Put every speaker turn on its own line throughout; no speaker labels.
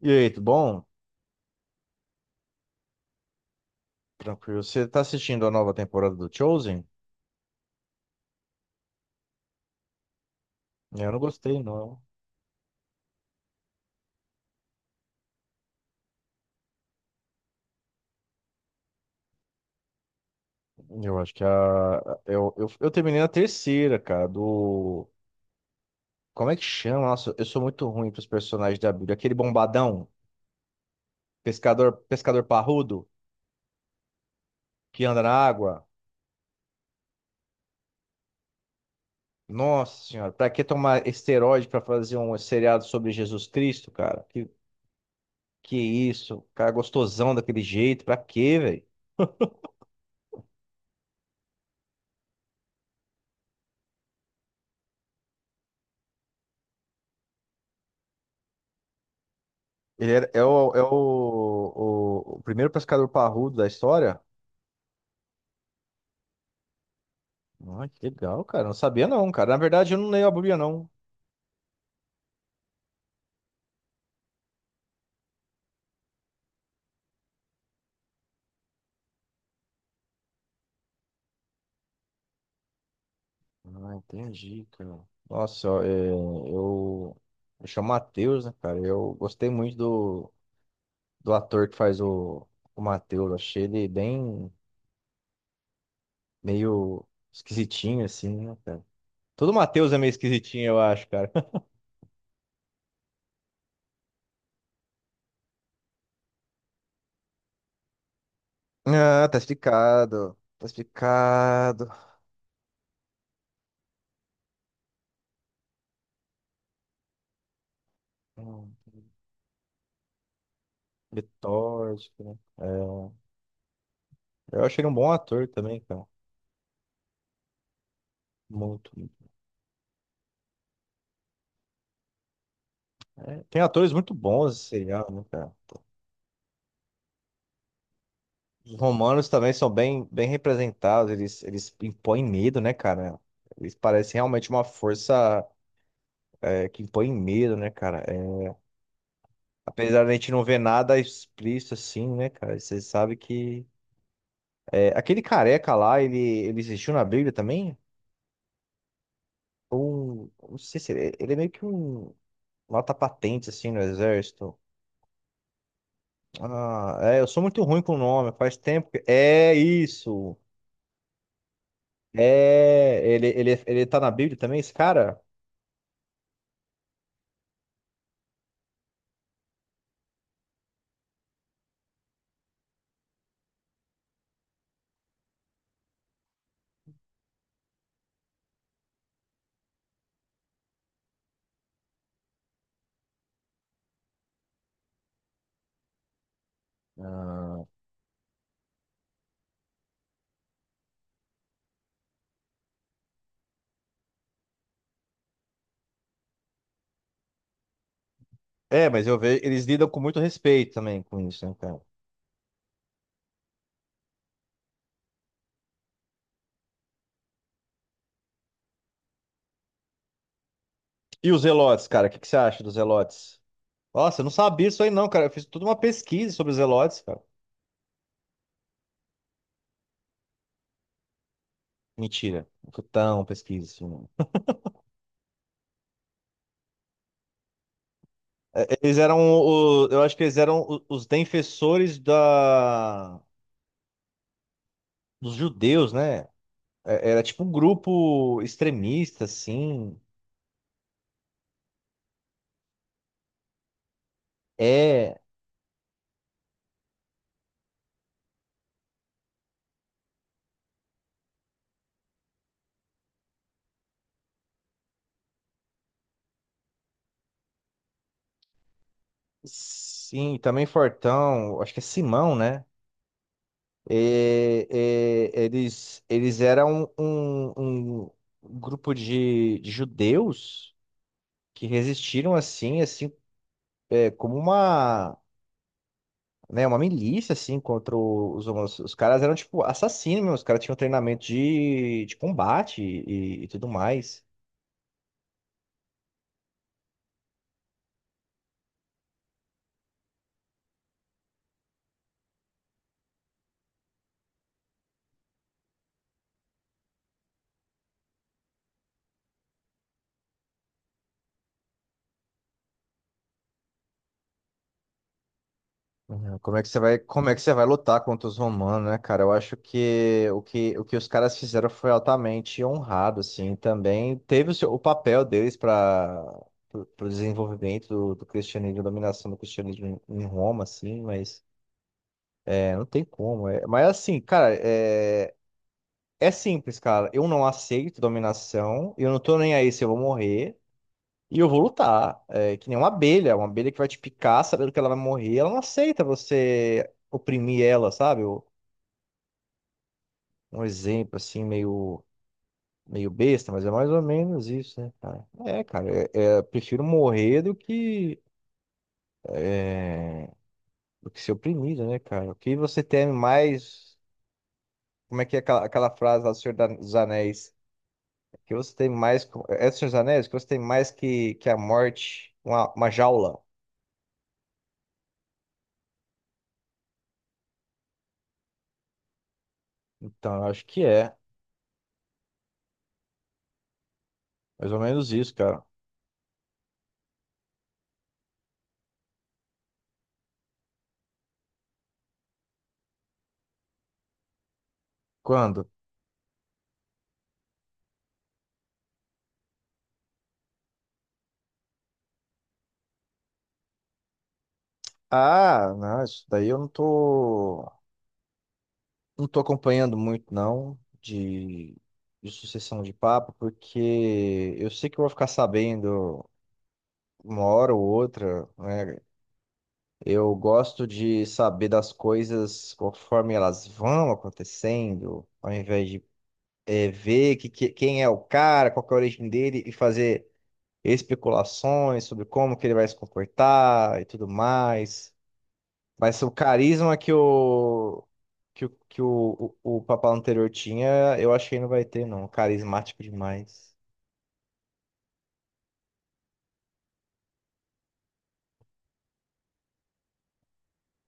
E aí, tudo bom? Tranquilo. Você tá assistindo a nova temporada do Chosen? Eu não gostei, não. Eu acho que a. Eu terminei na terceira, cara, do. Como é que chama? Nossa, eu sou muito ruim pros personagens da Bíblia. Aquele bombadão, pescador, pescador parrudo, que anda na água. Nossa senhora, pra que tomar esteroide pra fazer um seriado sobre Jesus Cristo, cara? Que isso? Cara é gostosão daquele jeito, pra quê, velho? Ele era- é o, é o primeiro pescador parrudo da história. Ah, que legal, cara. Não sabia não, cara. Na verdade, eu não leio a Bíblia, não. Ah, entendi, cara. Nossa, ó, é, eu chamo Matheus, né, cara? Eu gostei muito do, do ator que faz o Matheus. Achei ele bem meio esquisitinho, assim, né, cara? Todo Matheus é meio esquisitinho, eu acho, cara. Ah, tá explicado. Tá explicado. Hum. Letórgico, né? Eu achei ele um bom ator também, cara. Muito. É, tem atores muito bons esse serial, né, cara? Os romanos também são bem, bem representados, eles impõem medo, né, cara? Eles parecem realmente uma força que impõe medo, né, cara? É, apesar da gente não ver nada explícito assim, né, cara? Você sabe que. Aquele careca lá, ele existiu na Bíblia também? Ou. Não sei se ele, ele é meio que um. Nota patente, assim, no exército. Ah, é, eu sou muito ruim com o nome, faz tempo que. É isso! É, ele tá na Bíblia também, esse cara? Ah, é, mas eu vejo, eles lidam com muito respeito também com isso, né, cara? E os Zelotes, cara, o que, que você acha dos Zelotes? Nossa, eu não sabia isso aí não, cara. Eu fiz toda uma pesquisa sobre os Zelotes, cara. Mentira, não foi tão pesquisa assim, não. É, eles eram, o, eu acho que eles eram o- os defensores da, dos judeus, né? É, era tipo um grupo extremista, assim. É, sim, também Fortão, acho que é Simão, né? E- eles eram um, um um grupo de judeus que resistiram assim, assim, é, como uma, né, uma milícia assim contra os homossexuais. Os caras eram tipo assassinos, mesmo, os caras tinham treinamento de combate e tudo mais. Uhum. Como é que você vai, como é que você vai lutar contra os romanos, né, cara? Eu acho que o que, o que os caras fizeram foi altamente honrado, assim, também teve o, seu- o papel deles para o desenvolvimento do, do cristianismo, a dominação do cristianismo em, em Roma, assim, mas é, não tem como. É. Mas assim, cara, é, é simples, cara. Eu não aceito dominação, eu não tô nem aí se eu vou morrer. E eu vou lutar. É que nem uma abelha, uma abelha que vai te picar sabendo que ela vai morrer, ela não aceita você oprimir ela, sabe? Um um exemplo assim, meio, meio besta, mas é mais ou menos isso, né, cara? É, cara, é, é, eu prefiro morrer do que, é, do que ser oprimido, né, cara? O que você teme mais. Como é que é aquela, aquela frase lá do Senhor da- dos Anéis? O que você tem mais. Co- é é do Senhor dos Anéis? O que você tem mais que a morte, uma jaula. Então, eu acho que é. Mais ou menos isso, cara. Quando? Ah, não, isso daí eu não tô, não tô acompanhando muito, não, de sucessão de papo, porque eu sei que eu vou ficar sabendo uma hora ou outra, né? Eu gosto de saber das coisas conforme elas vão acontecendo, ao invés de ver que- quem é o cara, qual que é a origem dele e fazer especulações sobre como que ele vai se comportar e tudo mais. Vai ser o carisma que o que, o, que o papal anterior tinha, eu acho que não vai ter, não. Carismático demais.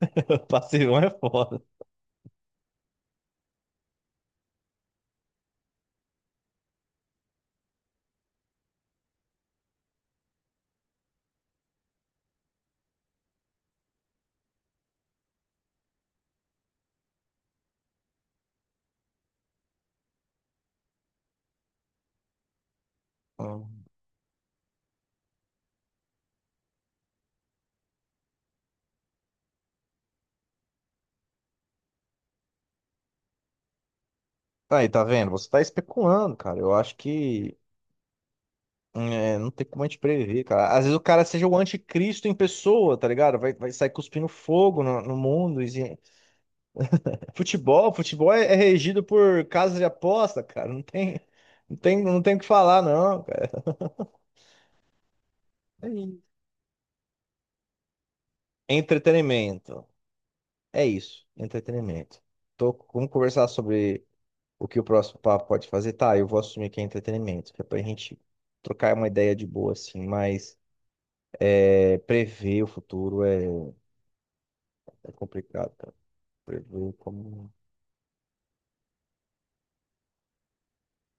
Passivão é foda. Hum. Aí, tá vendo? Você tá especulando, cara. Eu acho que é, não tem como a gente prever, cara. Às vezes o cara seja o anticristo em pessoa, tá ligado? Vai, vai sair cuspindo fogo no, no mundo. E- futebol, futebol é, é regido por casas de aposta, cara. Não tem, não tem, não tem o que falar, não, cara. É isso. Entretenimento. É isso, entretenimento. Tô, vamos conversar sobre o que o próximo papo pode fazer. Tá, eu vou assumir que é entretenimento, que é pra gente trocar uma ideia de boa, assim, mas é, prever o futuro é, é complicado, cara. Prever como.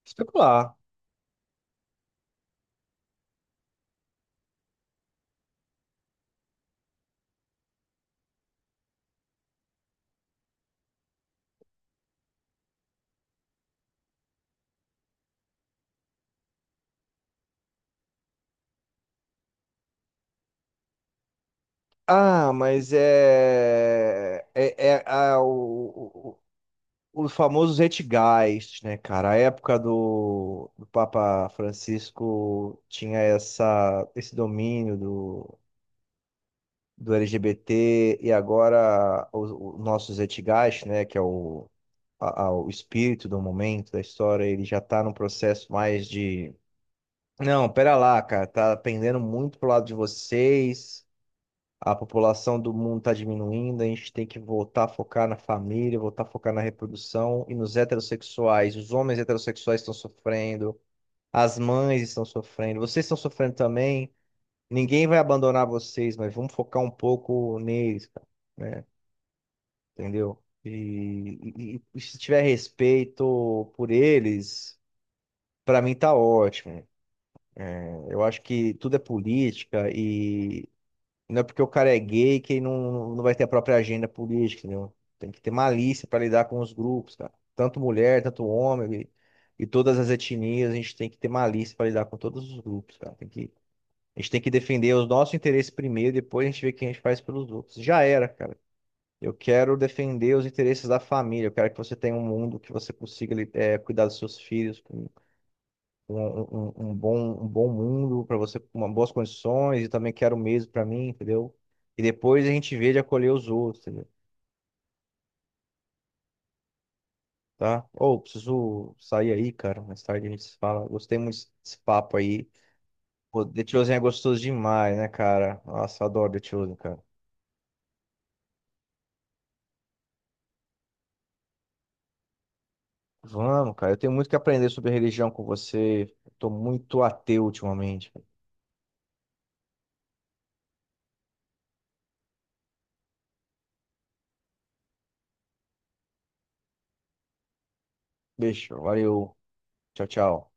Especular. Ah, mas é. É, é ah, o famoso Zeitgeist, né, cara? A época do, do Papa Francisco tinha essa, esse domínio do do LGBT e agora os nossos Zeitgeist, né, que é o, a- o espírito do momento da história, ele já está num processo mais de não, pera lá, cara, tá pendendo muito pro lado de vocês. A população do mundo tá diminuindo, a gente tem que voltar a focar na família, voltar a focar na reprodução e nos heterossexuais. Os homens heterossexuais estão sofrendo, as mães estão sofrendo, vocês estão sofrendo também. Ninguém vai abandonar vocês, mas vamos focar um pouco neles, cara, né? Entendeu? E se tiver respeito por eles, pra mim tá ótimo. Eu acho que tudo é política e não é porque o cara é gay que ele não, não vai ter a própria agenda política, entendeu? Tem que ter malícia pra lidar com os grupos, cara. Tanto mulher, tanto homem e todas as etnias, a gente tem que ter malícia pra lidar com todos os grupos, cara. Tem que, a gente tem que defender os nossos interesses primeiro, depois a gente vê o que a gente faz pelos outros. Já era, cara. Eu quero defender os interesses da família. Eu quero que você tenha um mundo que você consiga li- cuidar dos seus filhos com um, um- um um bom mundo para você, com uma- boas condições. E também quero o mesmo para mim, entendeu? E depois a gente vê de acolher os outros, entendeu? Tá? Ou preciso sair aí, cara. Mais tarde a gente se fala. Gostei muito desse desse papo aí. Pô, The Chosen é gostoso demais, né, cara? Nossa, eu adoro The Chosen, cara. Vamos, cara. Eu tenho muito que aprender sobre religião com você. Eu tô muito ateu ultimamente. Beijo, valeu. Tchau, tchau.